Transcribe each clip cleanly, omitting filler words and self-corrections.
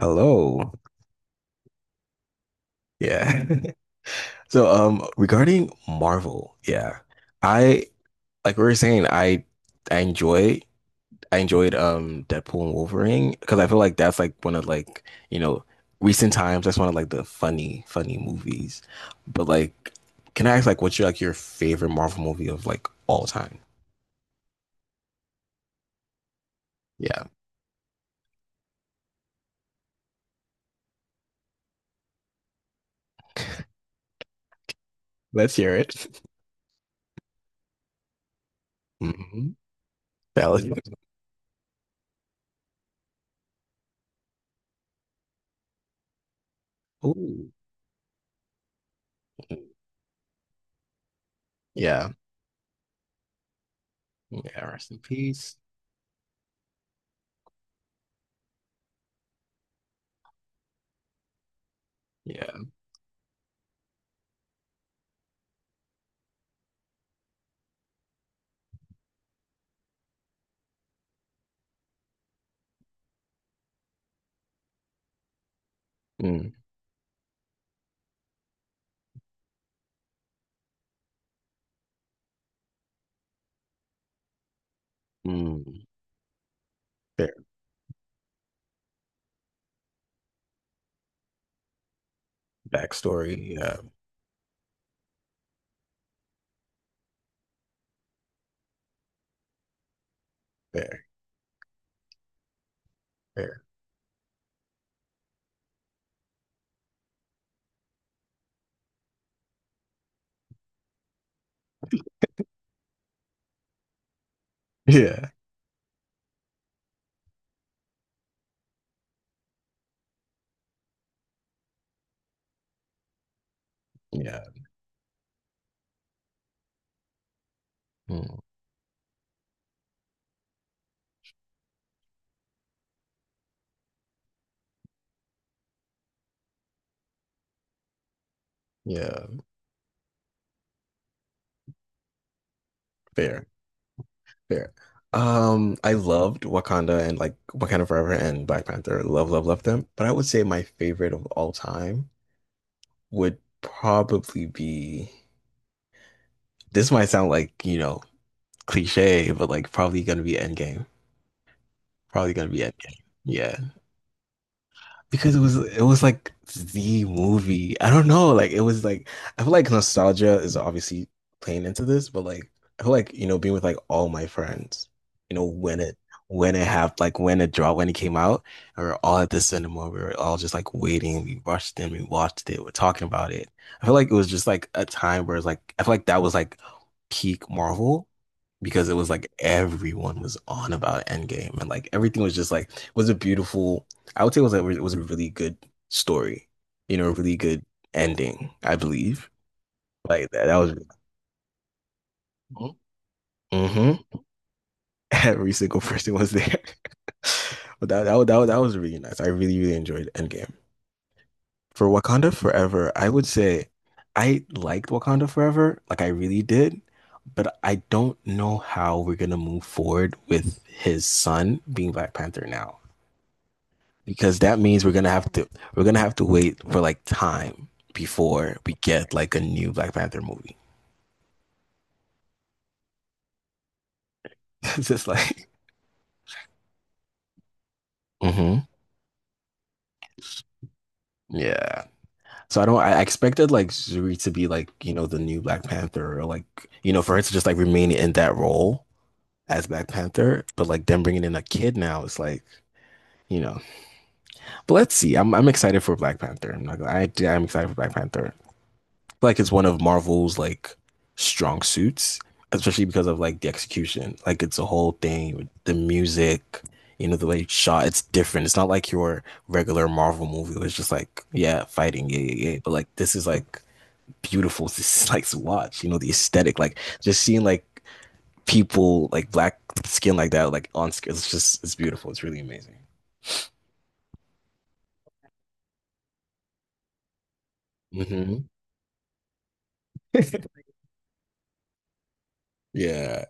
Hello. Yeah. So, regarding Marvel, yeah, I like we were saying, I enjoy I enjoyed Deadpool and Wolverine because I feel like that's like one of like you know recent times that's one of like the funny movies. But like, can I ask like what's your favorite Marvel movie of like all time? Yeah, let's hear it. Hmm. That was, ooh. Mm-hmm. Yeah. Mm, yeah. Rest in peace. Yeah. Mm. Mm. Backstory. Yeah, fair, fair. Yeah, yeah. Mm. Yeah, fair, fair. I loved Wakanda and like Wakanda Forever and Black Panther. Love, love, love them. But I would say my favorite of all time would probably be. This might sound like, cliche, but like probably gonna be Endgame. Probably gonna be Endgame. Yeah. Because it was like the movie. I don't know, like it was like I feel like nostalgia is obviously playing into this, but like I feel like being with like all my friends, you know when it happened, like when it dropped, when it came out, and we were all at the cinema. We were all just like waiting. We rushed in, we watched it, we're talking about it. I feel like it was just like a time where it's like I feel like that was like peak Marvel because it was like everyone was on about Endgame and like everything was just like was a beautiful. I would say it was a, really good story, a really good ending, I believe. Like that was. hmm every single person was there. But that was really nice. I really really enjoyed Endgame. For Wakanda Forever, I would say I liked Wakanda Forever, like I really did, but I don't know how we're gonna move forward with his son being Black Panther now. Because that means we're gonna have to wait for like time before we get like a new Black Panther movie. It's just like. hmm Yeah. So I don't. I expected like Zuri to be like you know the new Black Panther or like you know for her to just like remain in that role as Black Panther, but like them bringing in a kid now it's like you know. But let's see. I'm excited for Black Panther. I'm not. Gonna- I am not I I am excited for Black Panther. Like it's one of Marvel's like strong suits, especially because of like the execution. Like it's a whole thing with the music, the way it's shot. It's different. It's not like your regular Marvel movie. It's just like yeah, fighting, yeah, yeah, yeah. But like this is like beautiful. This is like to watch. The aesthetic. Like just seeing like people like black skin like that like on screen. It's just it's beautiful. It's really amazing. Hmm. Yeah.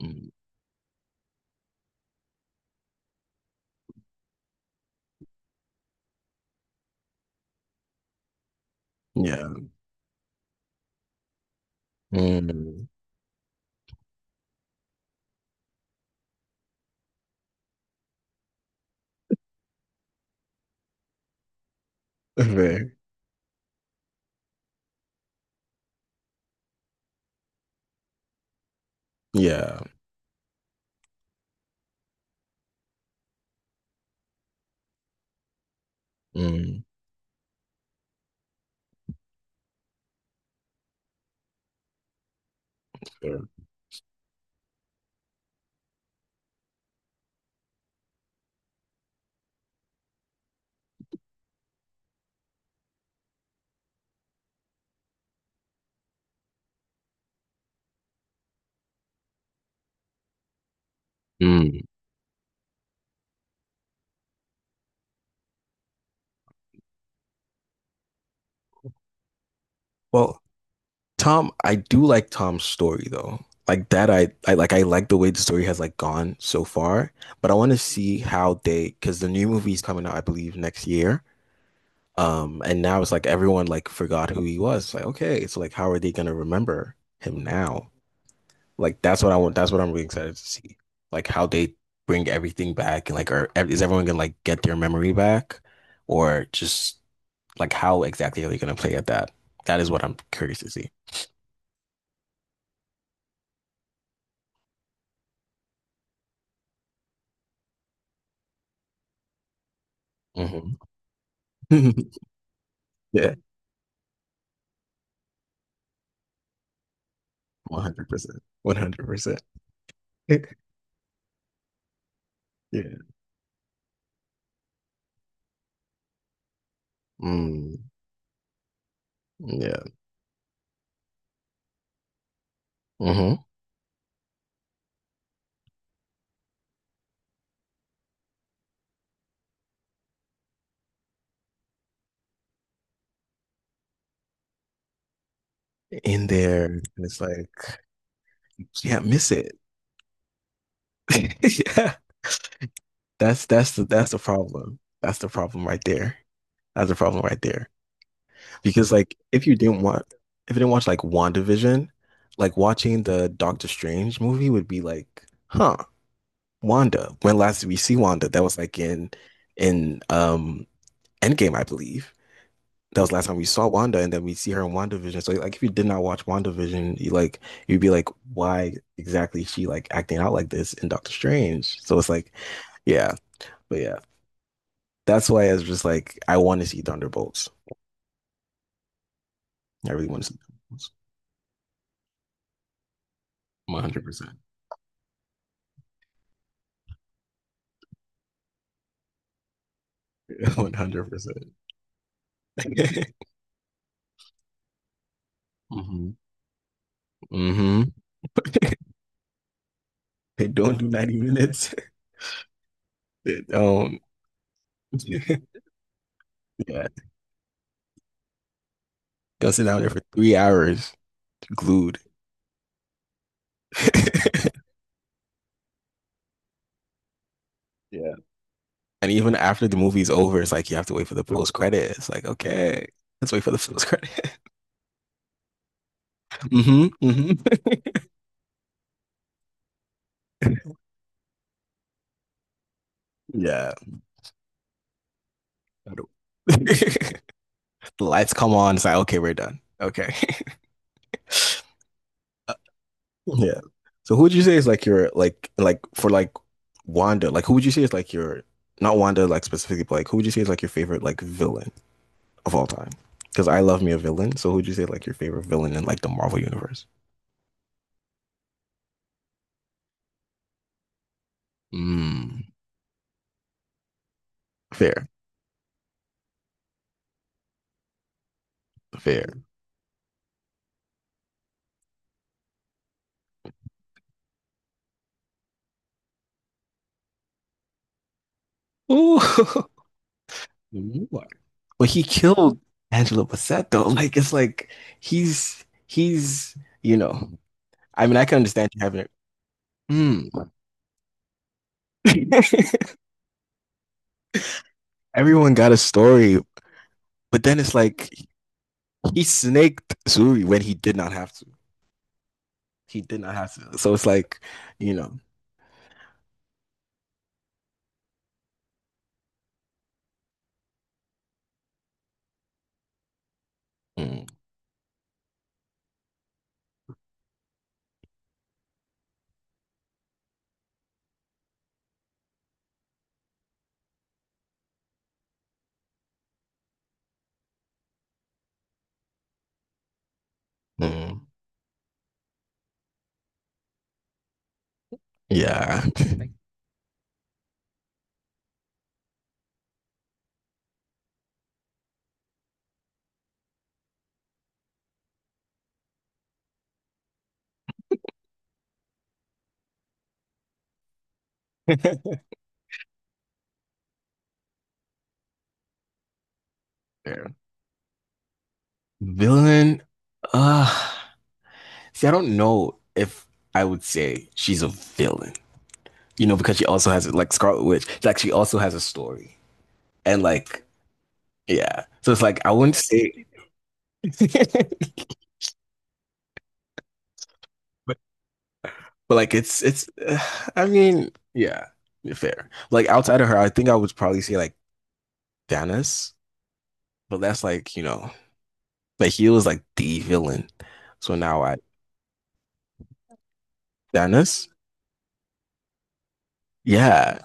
Yeah. Mm. Okay. Yeah. Mm, fair. Mm. Well, Tom, I do like Tom's story though. Like that, I like the way the story has like gone so far. But I want to see how they because the new movie is coming out, I believe, next year. And now it's like everyone like forgot who he was. It's like, okay, it's like how are they gonna remember him now? Like that's what I want. That's what I'm really excited to see. Like how they bring everything back and like, is everyone gonna like get their memory back, or just like how exactly are they going to play at that? That is what I'm curious to see. Mm-hmm. Yeah, 100%, 100%. Yeah, mm, yeah. Mm-hmm. In there, and it's like yeah, miss it. Yeah, that's the problem. That's the problem right there. That's the problem right there. Because like, if you didn't watch like WandaVision, like watching the Doctor Strange movie would be like, huh, Wanda. When last did we see Wanda? That was like in in um Endgame, I believe. That was the last time we saw Wanda, and then we see her in WandaVision. So like if you did not watch WandaVision, you'd be like, why exactly is she like acting out like this in Doctor Strange? So it's like, yeah, but yeah. That's why I was just like, I want to see Thunderbolts. I really want to see Thunderbolts. 100%. 100%. Mm-hmm. Mm-hmm. They don't do 90 minutes. They don't. Yeah, go sit down there for 3 hours, glued. Yeah. And even after the movie's over, it's like you have to wait for the post credit. It's like, okay, let's wait for the post credit. Hmm, hmm. Yeah. The lights come on. It's like, okay, we're done. Okay. Uh, yeah. So who would you say is like your like for like Wanda? Like who would you say is like your not Wanda like specifically, but like who would you say is like your favorite like villain of all time? Because I love me a villain. So who'd you say like your favorite villain in like the Marvel universe? Mm. Fair, fair. Ooh. But he killed Angela Bassett though. Like it's like he's you know. I mean, I can understand you having it. Mm. Everyone got a story, but then it's like he snaked Suri when he did not have to. He did not have to. So it's like, you know. Mm, mm, yeah. Fair. Villain? Uh, see, I don't know if I would say she's a villain, because she also has like Scarlet Witch, like she also has a story. And like, yeah. So it's like I wouldn't say but, but like it's I mean, yeah, fair. Like outside of her, I think I would probably say like Thanos, but that's like, but he was like the villain. So now I Thanos? Yeah.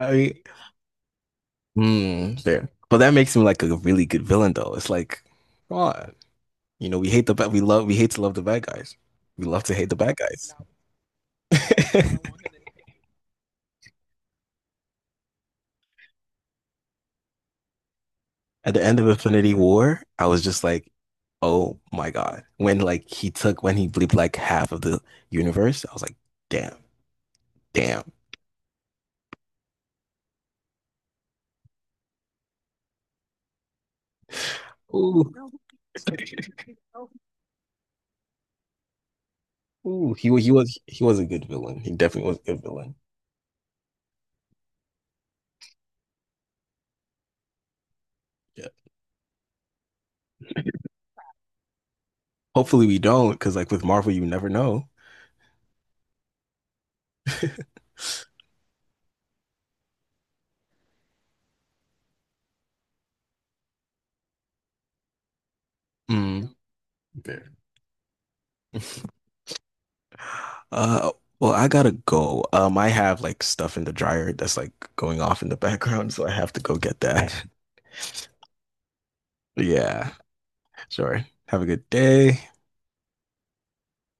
I mean, hmm, fair. But that makes him like a really good villain though. It's like, come on. We hate to love the bad guys. We love to hate the bad guys. At the end of Infinity War, I was just like, oh my God. When like he took when he bleeped like half of the universe, I was like, damn, damn. Ooh. Ooh, he was a good villain. He definitely was a good villain. Yeah. Hopefully we don't, because like with Marvel, you never know. Mm. Fair. Uh, well, I gotta go. I have like stuff in the dryer that's like going off in the background, so I have to go get that. Yeah, sure. Have a good day.